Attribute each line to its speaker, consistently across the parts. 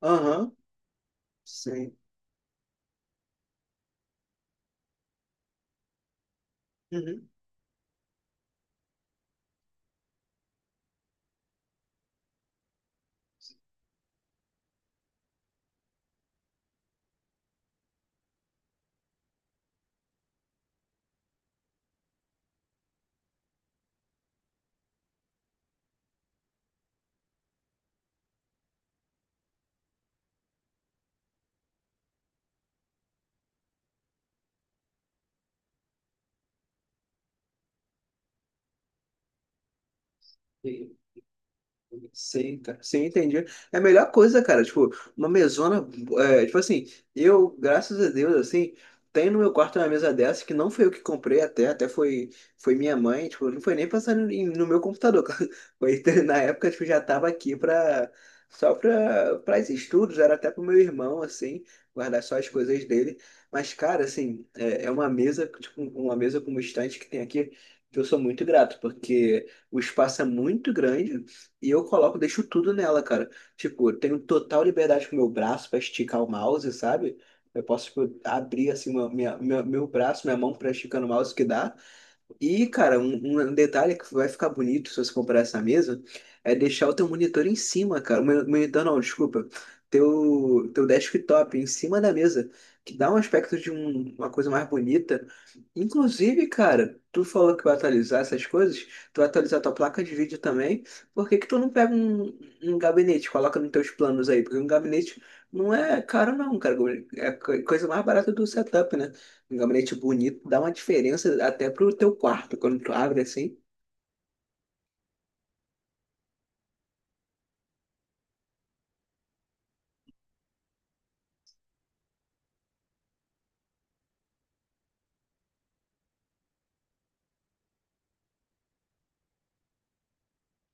Speaker 1: Aham, sim. Uhum. Sim, cara. Sim, entendi. É a melhor coisa, cara. Tipo, uma mesona. Tipo assim, eu, graças a Deus, assim, tenho no meu quarto uma mesa dessa que não foi eu que comprei até foi minha mãe. Tipo, não foi nem pensando no meu computador. Foi, na época, tipo, já tava aqui só pra esses estudos, era até pro meu irmão, assim, guardar só as coisas dele. Mas, cara, assim, é uma mesa, tipo, uma mesa como estante que tem aqui, que eu sou muito grato, porque o espaço é muito grande. E eu coloco, deixo tudo nela, cara. Tipo, eu tenho total liberdade com o meu braço pra esticar o mouse, sabe? Eu posso, tipo, abrir assim meu braço, minha mão pra esticar no mouse que dá. E, cara, um detalhe que vai ficar bonito se você comprar essa mesa é deixar o teu monitor em cima, cara. Monitor não, desculpa. Teu desktop em cima da mesa, que dá um aspecto de uma coisa mais bonita. Inclusive, cara, tu falou que vai atualizar essas coisas, tu vai atualizar tua placa de vídeo também. Por que que tu não pega um gabinete, coloca nos teus planos aí? Porque um gabinete não é caro não, cara. É a coisa mais barata do setup, né? Um gabinete bonito dá uma diferença até pro teu quarto, quando tu abre assim.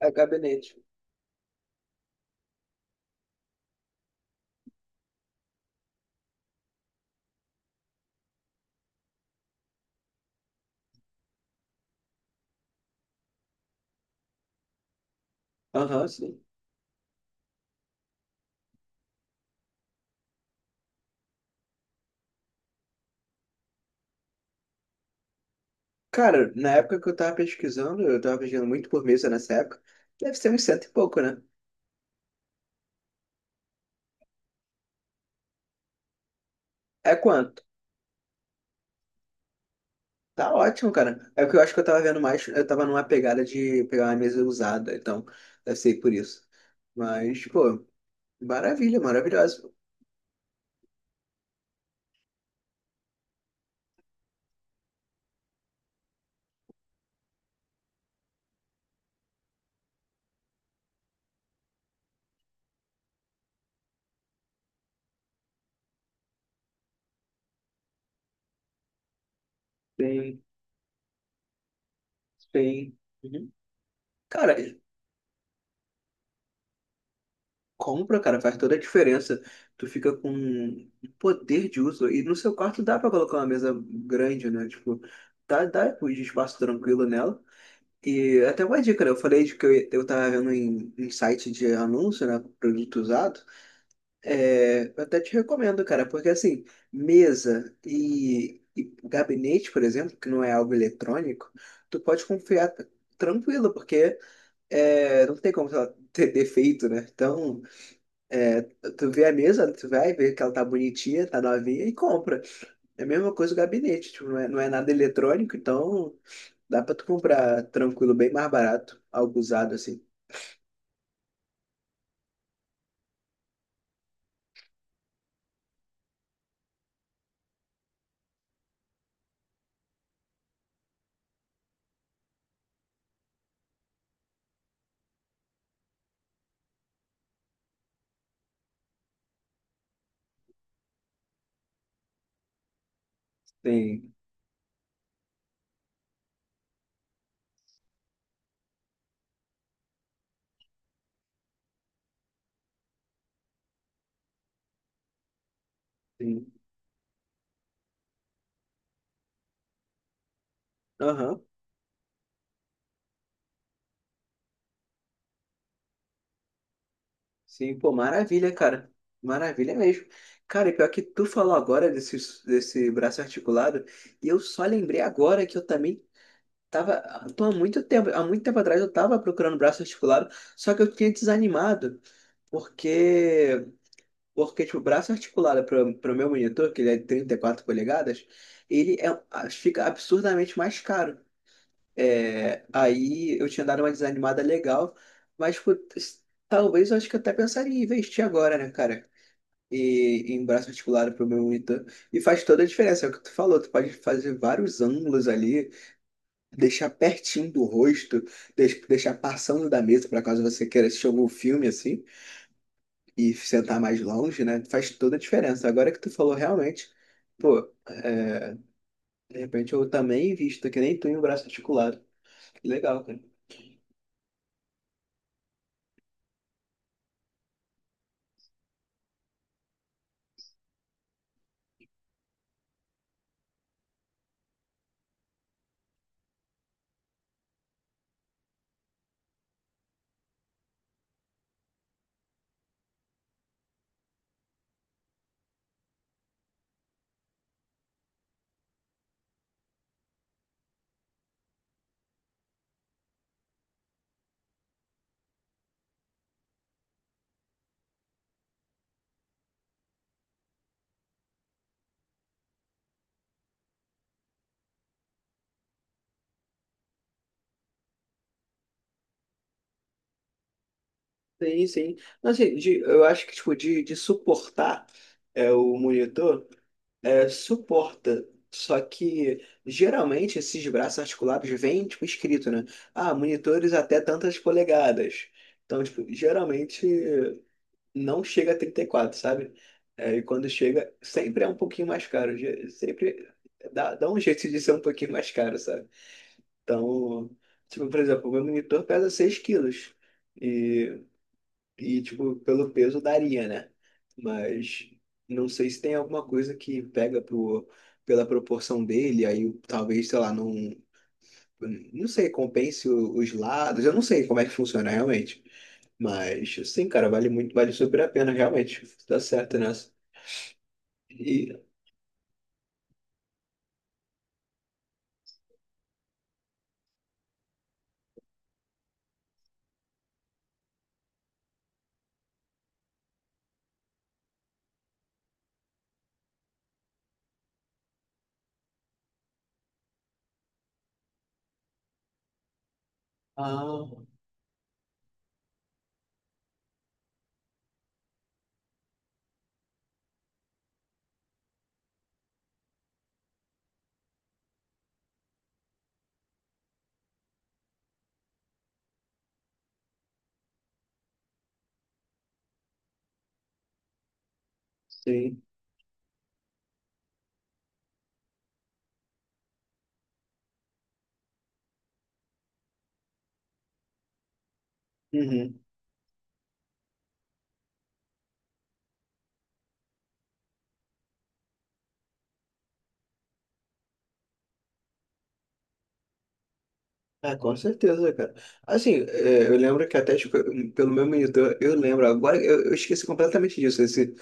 Speaker 1: É gabinete. Aham, sim. Cara, na época que eu tava pesquisando muito por mesa nessa época, deve ser uns cento e pouco, né? É quanto? Tá ótimo, cara. É porque eu acho que eu tava vendo mais, eu tava numa pegada de pegar uma mesa usada, então deve ser por isso. Mas, pô, maravilha, maravilhoso. Tem, tem. Uhum. Cara, compra, cara, faz toda a diferença. Tu fica com um poder de uso. E no seu quarto dá pra colocar uma mesa grande, né? Tipo, dá um espaço tranquilo nela. E até uma dica, né? Eu falei de que eu tava vendo em site de anúncio, né? Produto usado. É, eu até te recomendo, cara, porque assim, mesa e gabinete, por exemplo, que não é algo eletrônico, tu pode confiar tranquilo, porque não tem como sei lá, ter defeito, né? Então. É, tu vê a mesa, tu vai ver que ela tá bonitinha, tá novinha e compra. É a mesma coisa o gabinete, tipo, não é nada eletrônico, então dá pra tu comprar tranquilo, bem mais barato, algo usado assim. Tem, tem. Aham. Sim, pô, maravilha, cara. Maravilha mesmo. Cara, e pior que tu falou agora desse braço articulado, e eu só lembrei agora que eu também tava, tô há muito tempo atrás eu tava procurando braço articulado, só que eu tinha desanimado, porque Porque, tipo, o braço articulado para o meu monitor, que ele é de 34 polegadas, ele é, fica absurdamente mais caro. É, aí eu tinha dado uma desanimada legal, mas pô, talvez eu acho que eu até pensaria em investir agora, né, cara? E em braço articulado para o meu monitor. E faz toda a diferença, é o que tu falou, tu pode fazer vários ângulos ali, deixar pertinho do rosto, deixar passando da mesa para caso você queira assistir algum filme assim e sentar mais longe, né? Faz toda a diferença. Agora que tu falou realmente, pô, é, de repente eu também invisto, que nem tu em um braço articulado. Que legal, cara. Sim, sim. Mas, assim, eu acho que tipo, de suportar o monitor, suporta. Só que geralmente esses braços articulados vêm tipo, escrito, né? Ah, monitores até tantas polegadas. Então, tipo, geralmente. Não chega a 34, sabe? É, e quando chega, sempre é um pouquinho mais caro. Sempre dá um jeito de ser um pouquinho mais caro, sabe? Então, tipo, por exemplo, o meu monitor pesa 6 quilos. E, e, tipo, pelo peso daria, né? Mas não sei se tem alguma coisa que pega pro, pela proporção dele, aí talvez, sei lá, não. Não sei, compense os lados. Eu não sei como é que funciona realmente. Mas, sim, cara, vale muito, vale super a pena, realmente. Tá certo nessa. E, ah, sim. Uhum. É, com certeza, cara. Assim, eu lembro que até, tipo, pelo meu monitor, eu lembro, agora eu esqueci completamente disso, esse,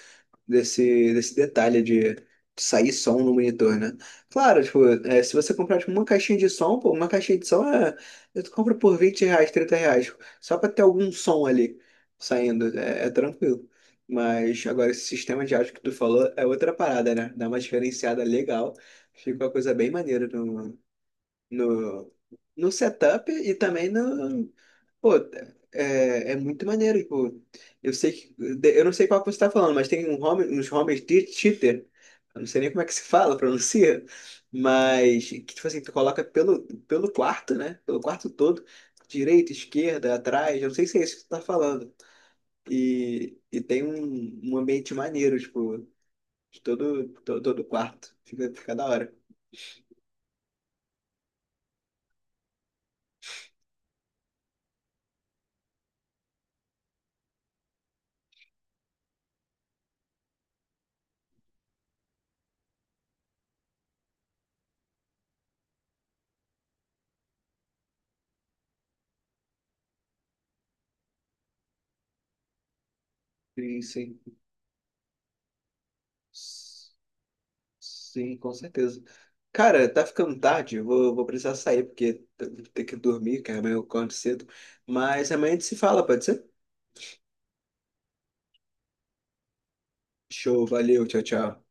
Speaker 1: desse, desse detalhe de sair som no monitor, né? Claro, tipo, se você comprar tipo, uma caixinha de som, pô, uma caixinha de som eu compro por R$ 20, R$ 30, tipo, só pra ter algum som ali saindo, é, é tranquilo. Mas agora esse sistema de áudio que tu falou é outra parada, né? Dá uma diferenciada legal, fica uma coisa bem maneira no, no setup e também no, pô, é muito maneiro, tipo, eu sei que, eu não sei qual que você tá falando, mas tem uns homens de cheater, eu não sei nem como é que se fala, pronuncia, mas que, tipo assim, tu coloca pelo quarto, né, pelo quarto todo, direita, esquerda, atrás, eu não sei se é isso que tu tá falando, e, tem um ambiente maneiro, tipo, de todo, todo, todo quarto, fica da hora. Sim, sim. Sim, com certeza. Cara, tá ficando tarde, eu vou precisar sair, porque eu vou ter que dormir, que amanhã eu acordo cedo. Mas amanhã a gente se fala, pode ser? Show, valeu, tchau, tchau.